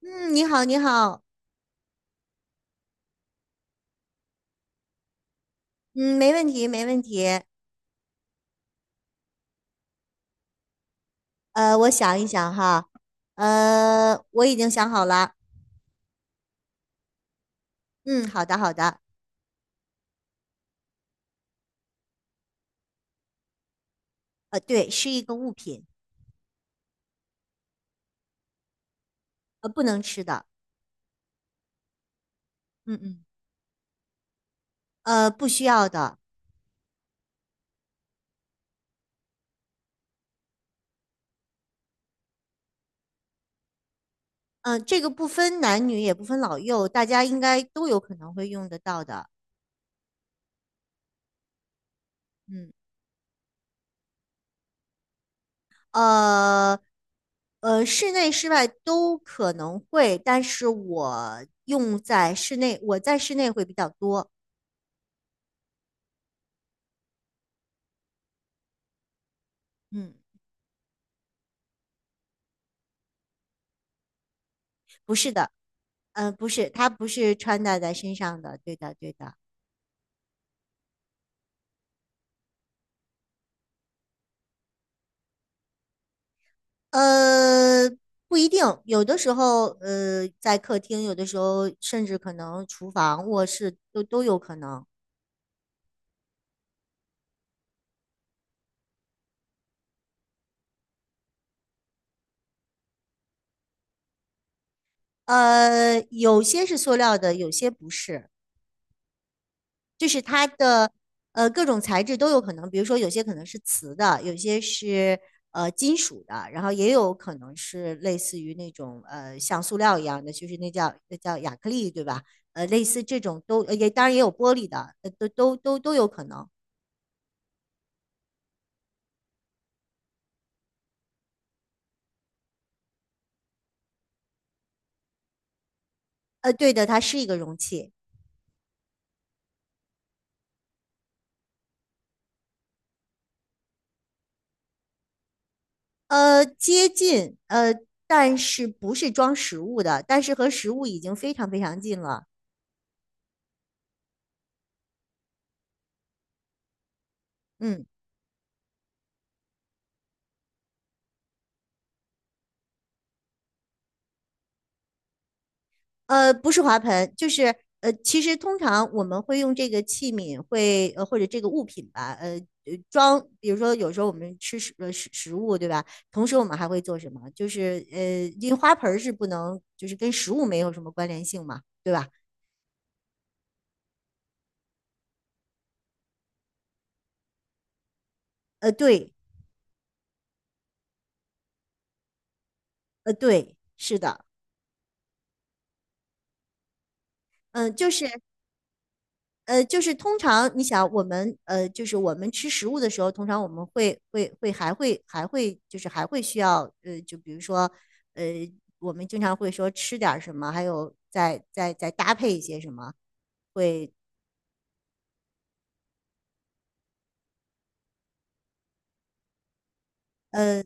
嗯，你好，你好，嗯，没问题，没问题。我想一想哈，我已经想好了。嗯，好的，好的。对，是一个物品，不能吃的。嗯嗯，不需要的。嗯、这个不分男女，也不分老幼，大家应该都有可能会用得到的。嗯，呃，室内、室外都可能会，但是我用在室内，会比较多。嗯。不是的，不是，它不是穿戴在身上的，对的，对的。呃，不一定，有的时候，在客厅，有的时候甚至可能厨房、卧室都有可能。有些是塑料的，有些不是。就是它的各种材质都有可能，比如说有些可能是瓷的，有些是金属的，然后也有可能是类似于那种像塑料一样的，就是那叫亚克力，对吧？类似这种都也当然也有玻璃的，呃都有可能。对的，它是一个容器。呃接近,但是不是装食物的，但是和食物已经非常非常近了。嗯。不是花盆，其实通常我们会用这个器皿会，或者这个物品吧，装，比如说有时候我们吃食物对吧？同时我们还会做什么？因为花盆儿是不能就是跟食物没有什么关联性嘛，对吧？对。是的。嗯、就是就是通常你想我们就是我们吃食物的时候，通常我们会会会还会还会就是还会需要就比如说呃，我们经常会说吃点儿什么，还有再搭配一些什么，会。呃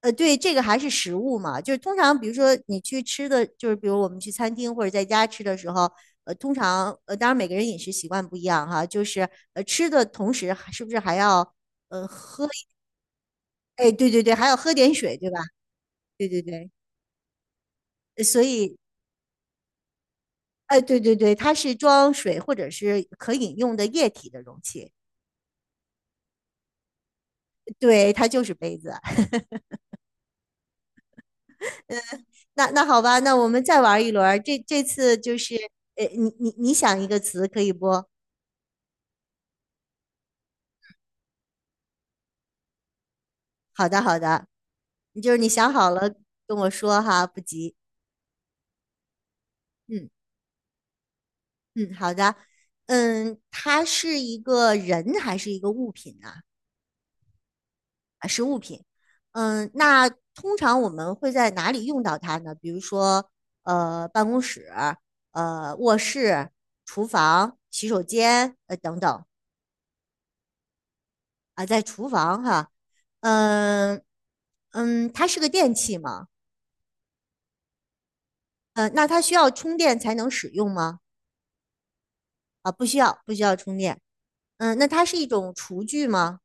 对，这个还是食物嘛，就是通常比如说你去吃的，就是比如我们去餐厅或者在家吃的时候。通常当然每个人饮食习惯不一样哈，就是吃的同时还是不是还要喝。哎，对对对，还要喝点水，对吧？对对对。呃所以，哎，对对对，它是装水或者是可饮用的液体的容器。对，它就是杯子。那那好吧，那我们再玩一轮儿，这这次就是，你想一个词可以不？好的好的，你就是你想好了跟我说哈，不急。嗯嗯，好的。嗯，它是一个人还是一个物品呢？啊，是物品。嗯，那通常我们会在哪里用到它呢？比如说，办公室、卧室、厨房、洗手间，等等。啊，在厨房哈。嗯嗯，它是个电器吗？那它需要充电才能使用吗？啊，不需要，不需要充电。嗯，那它是一种厨具吗？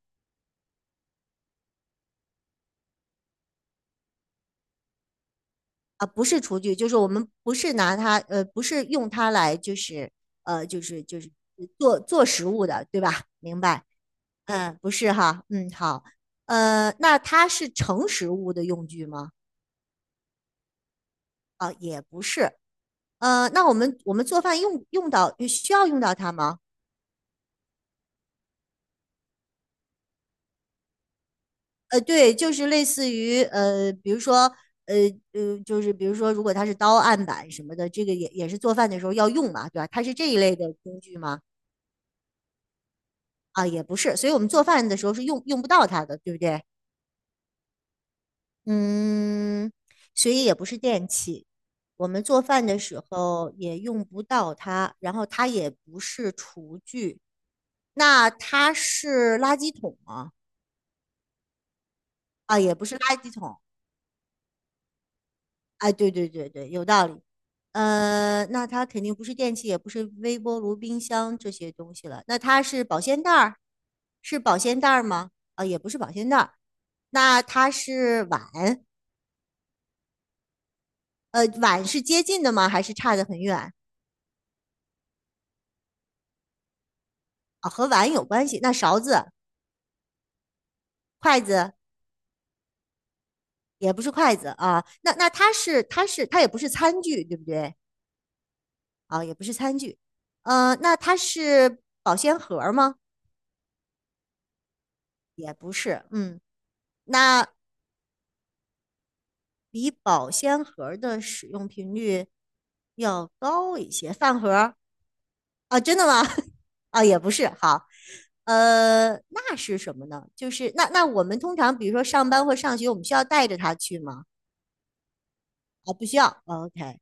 啊，不是厨具，就是我们不是拿它，不是用它来，就是做食物的，对吧？明白？嗯，不是哈，嗯，好。那它是盛食物的用具吗？啊、也不是。那我们做饭用用到需要用到它吗？对，就是类似于比如说呃就是比如说，如果它是刀案板什么的，这个也是做饭的时候要用嘛，对吧？它是这一类的工具吗？啊，也不是，所以我们做饭的时候是用不到它的，对不对？嗯，所以也不是电器，我们做饭的时候也用不到它，然后它也不是厨具。那它是垃圾桶吗？啊，也不是垃圾桶。哎，对对对对，有道理。那它肯定不是电器，也不是微波炉、冰箱这些东西了。那它是保鲜袋儿，是保鲜袋儿吗？啊，也不是保鲜袋儿。那它是碗。碗是接近的吗？还是差得很远？啊？和碗有关系。那勺子、筷子？也不是筷子啊。那它也不是餐具，对不对？啊，也不是餐具。那它是保鲜盒儿吗？也不是。嗯，那比保鲜盒儿的使用频率要高一些。饭盒儿？啊，真的吗？啊，也不是。好，那是什么呢？就是那那我们通常比如说上班或上学，我们需要带着它去吗？啊，不需要。哦 OK,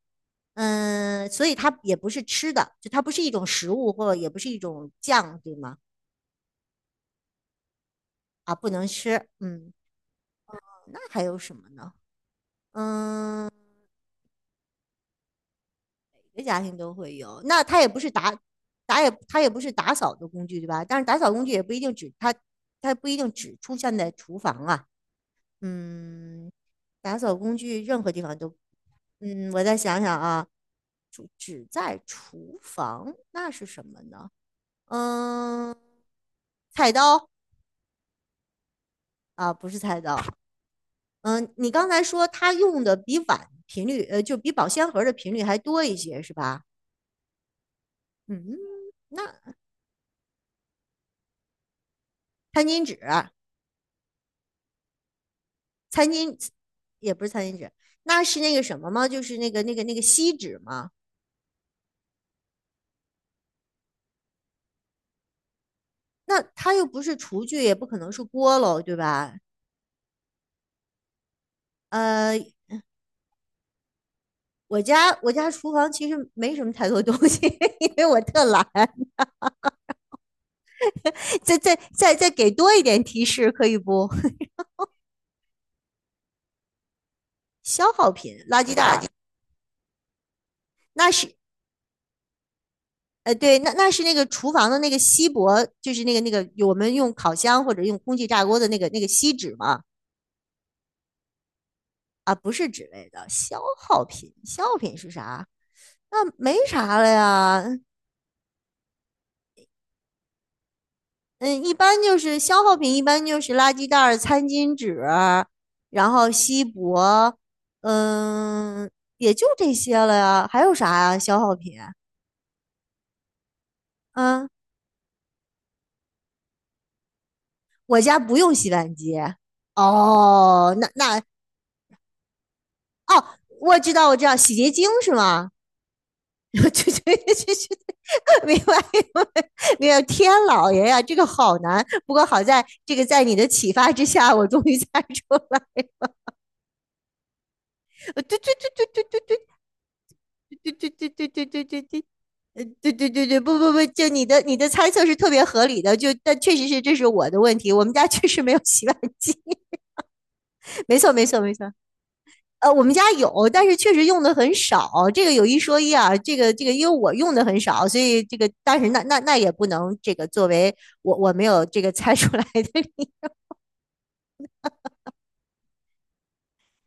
嗯，所以它也不是吃的，就它不是一种食物，或也不是一种酱，对吗？啊，不能吃。嗯，那还有什么呢？嗯，每个家庭都会有。那它也不是打打也它也不是打扫的工具，对吧？但是打扫工具也不一定只它，它不一定只出现在厨房啊。嗯，打扫工具任何地方都。嗯，我再想想啊，只在厨房，那是什么呢？嗯，菜刀？啊，不是菜刀。嗯，你刚才说他用的比碗频率，就比保鲜盒的频率还多一些，是吧？嗯，那餐巾纸、餐巾？也不是餐巾纸。那是那个什么吗？就是那个锡纸吗？那它又不是厨具，也不可能是锅喽，对吧？呃，我家厨房其实没什么太多东西，因为我特懒。再给多一点提示，可以不？消耗品、垃圾袋，那是对，那那是那个厨房的那个锡箔，就是那个我们用烤箱或者用空气炸锅的那个锡纸嘛。啊，不是纸类的消耗品，消耗品是啥？那没啥了呀。嗯，一般就是消耗品，一般就是垃圾袋儿、餐巾纸，然后锡箔。嗯，也就这些了呀，还有啥呀？消耗品。嗯，我家不用洗碗机。哦，那那？哦，我知道，我知道，洗洁精是吗？就就就就，明白明白明白，天老爷呀，这个好难。不过好在这个在你的启发之下，我终于猜出来。呃对对对对对对对对对对对对对对，呃对对对对不不不，就你的猜测是特别合理的，就但确实是这是我的问题，我们家确实没有洗碗机。没错没错没错。我们家有，但是确实用的很少。这个有一说一啊，因为我用的很少，所以这个，但是那那那也不能这个作为我没有这个猜出来的。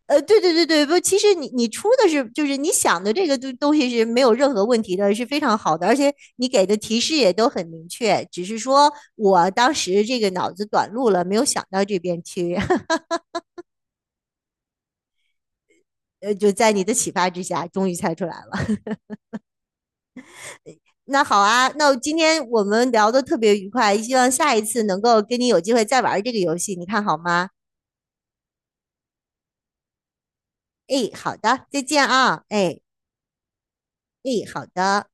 对对对对，不，其实你出的是就是你想的这个东西是没有任何问题的，是非常好的，而且你给的提示也都很明确，只是说我当时这个脑子短路了，没有想到这边去。就在你的启发之下，终于猜出来了。那好啊，那今天我们聊的特别愉快，希望下一次能够跟你有机会再玩这个游戏，你看好吗？哎，好的，再见啊，哎哎，好的。